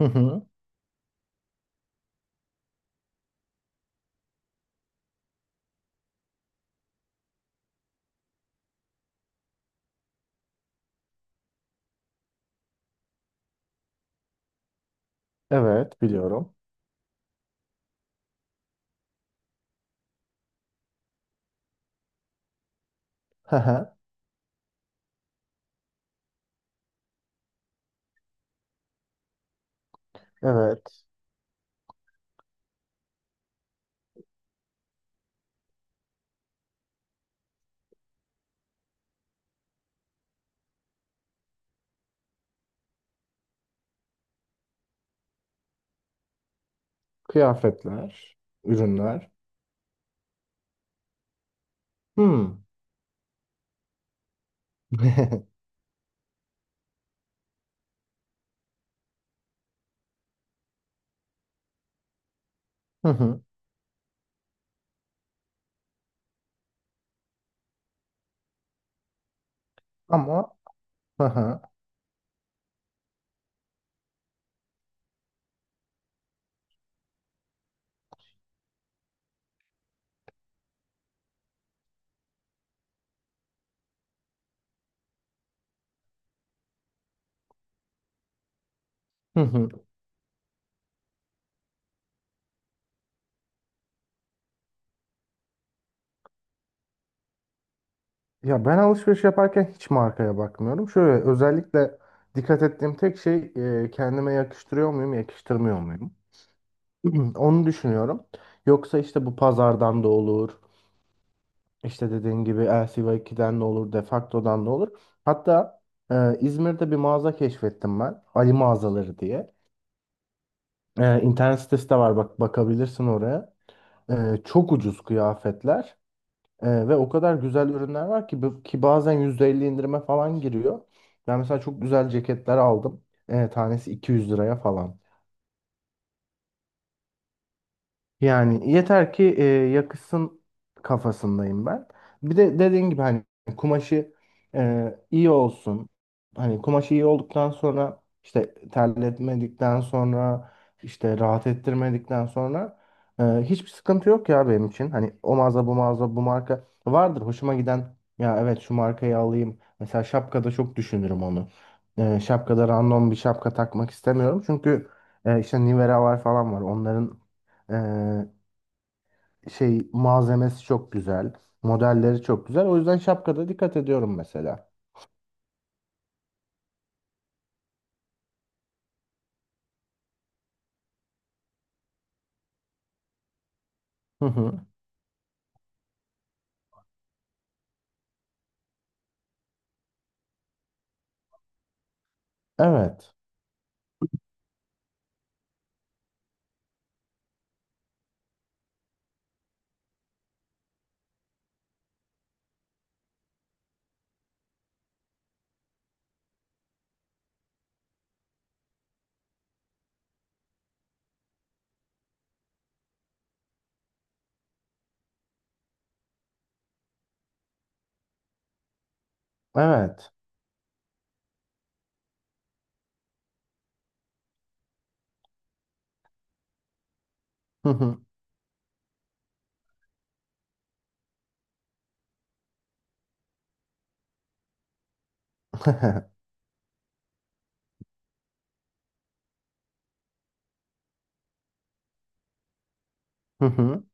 Hı hı. Evet, biliyorum. Hı hı. Evet. Kıyafetler, ürünler. Hmm. Hı hı. Ama hı hı. Hı hı. Ya ben alışveriş yaparken hiç markaya bakmıyorum. Şöyle özellikle dikkat ettiğim tek şey kendime yakıştırıyor muyum, yakıştırmıyor muyum? Onu düşünüyorum. Yoksa işte bu pazardan da olur. İşte dediğin gibi lcy ikiden de olur, Defacto'dan da olur. Hatta İzmir'de bir mağaza keşfettim ben. Ali mağazaları diye. İnternet sitesi de var, bak bakabilirsin oraya. Çok ucuz kıyafetler. Ve o kadar güzel ürünler var ki bazen %50 indirime falan giriyor. Ben mesela çok güzel ceketler aldım. Tanesi 200 liraya falan. Yani yeter ki yakışsın kafasındayım ben. Bir de dediğin gibi hani kumaşı iyi olsun. Hani kumaşı iyi olduktan sonra işte terletmedikten sonra işte rahat ettirmedikten sonra hiçbir sıkıntı yok ya benim için. Hani o mağaza bu mağaza bu marka vardır hoşuma giden, ya evet şu markayı alayım. Mesela şapkada çok düşünürüm onu. Şapkada random bir şapka takmak istemiyorum. Çünkü işte Nivea var falan var. Onların e, şey, malzemesi çok güzel. Modelleri çok güzel. O yüzden şapkada dikkat ediyorum mesela. Hı hı. Evet. Evet. Hı hı. Hı hı.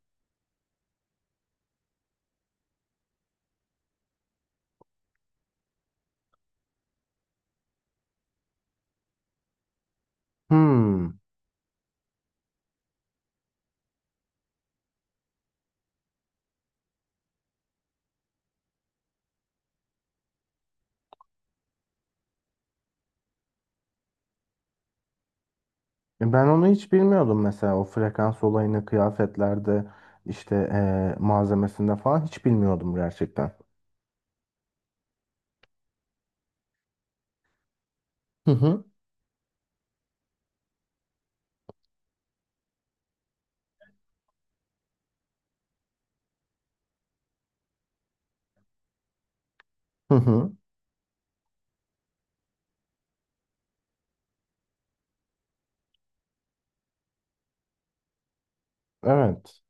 Hmm. Ben onu hiç bilmiyordum mesela, o frekans olayını kıyafetlerde işte malzemesinde falan hiç bilmiyordum gerçekten. Hı hı. Hı hı. Evet.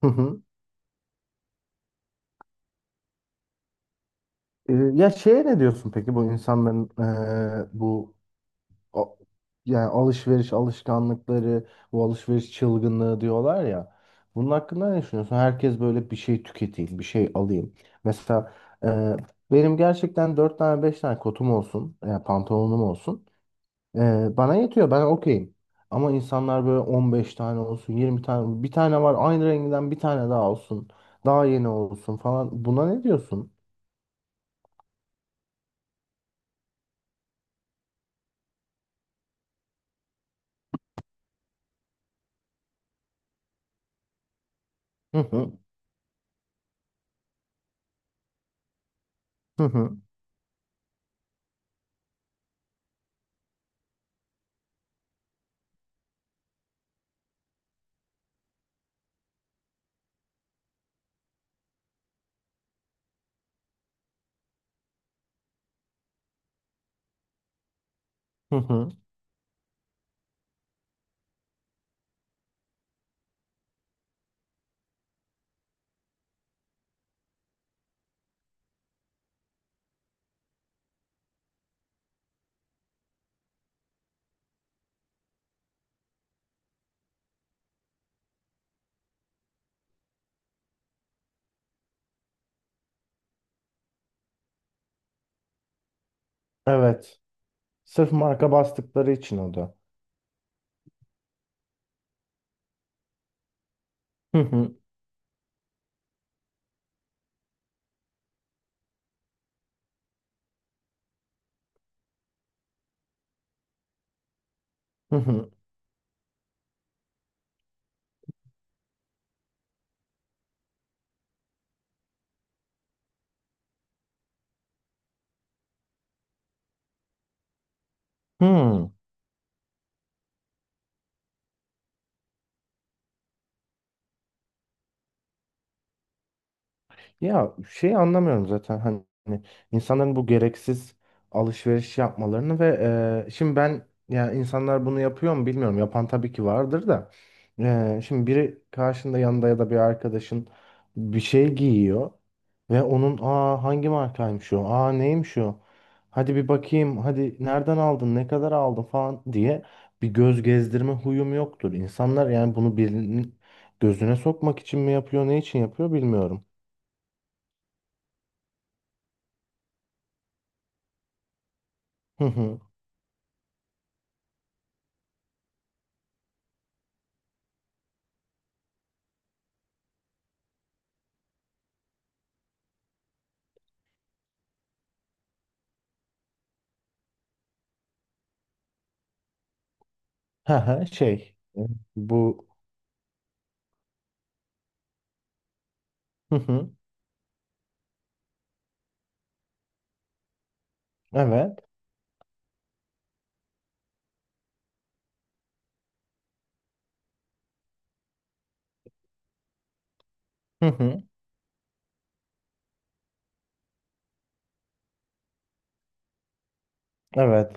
Hı hı. Ya şeye ne diyorsun peki, bu insanların bu a- yani alışveriş alışkanlıkları, bu alışveriş çılgınlığı diyorlar ya. Bunun hakkında ne düşünüyorsun? Herkes böyle bir şey tüketeyim, bir şey alayım. Mesela e, benim gerçekten 4 tane 5 tane kotum olsun, pantolonum olsun. Bana yetiyor, ben okeyim. Ama insanlar böyle 15 tane olsun, 20 tane, bir tane var aynı renginden bir tane daha olsun. Daha yeni olsun falan. Buna ne diyorsun? Hı hı, hı hı, hı hı. Evet. Sırf marka bastıkları için o da. Hı hı. Hı hı. Hı. Ya şey, anlamıyorum zaten hani insanların bu gereksiz alışveriş yapmalarını ve şimdi ben, ya insanlar bunu yapıyor mu bilmiyorum. Yapan tabii ki vardır da. Şimdi biri karşında yanında ya da bir arkadaşın bir şey giyiyor ve onun, aa hangi markaymış o? Aa neymiş o? Hadi bir bakayım. Hadi nereden aldın? Ne kadar aldın falan diye bir göz gezdirme huyum yoktur. İnsanlar yani bunu birinin gözüne sokmak için mi yapıyor, ne için yapıyor bilmiyorum. Hı hı, şey bu, hı hı, evet, hı hı, evet,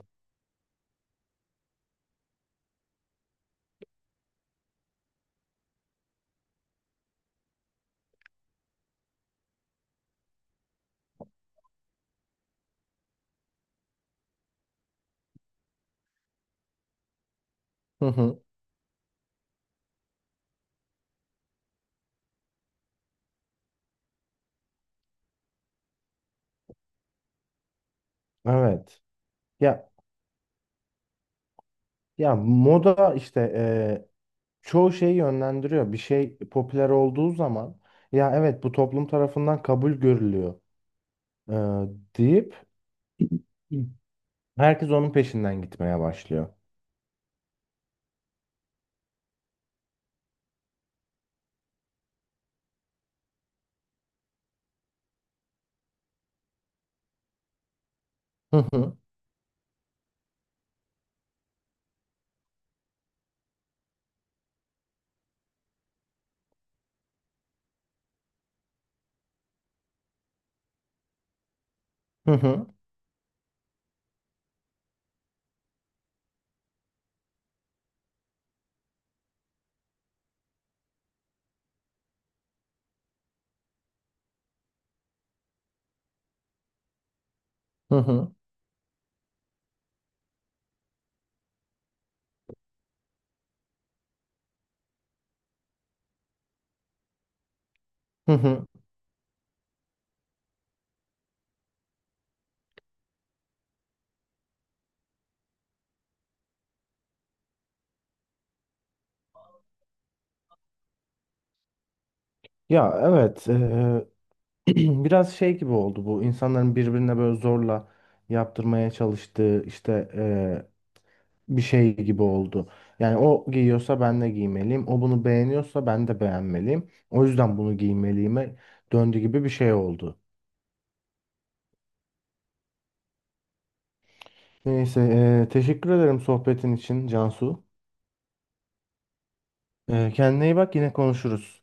hı hı, evet. Ya ya, moda işte, çoğu şeyi yönlendiriyor. Bir şey popüler olduğu zaman, ya evet bu toplum tarafından kabul görülüyor, eee, deyip herkes onun peşinden gitmeye başlıyor. Hı hı, hı hı, hı hı, hı hı. Ya evet, biraz şey gibi oldu, bu insanların birbirine böyle zorla yaptırmaya çalıştığı işte, bir şey gibi oldu. Yani o giyiyorsa ben de giymeliyim. O bunu beğeniyorsa ben de beğenmeliyim. O yüzden bunu giymeliyime döndü gibi bir şey oldu. Neyse, teşekkür ederim sohbetin için Cansu. Kendine iyi bak, yine konuşuruz.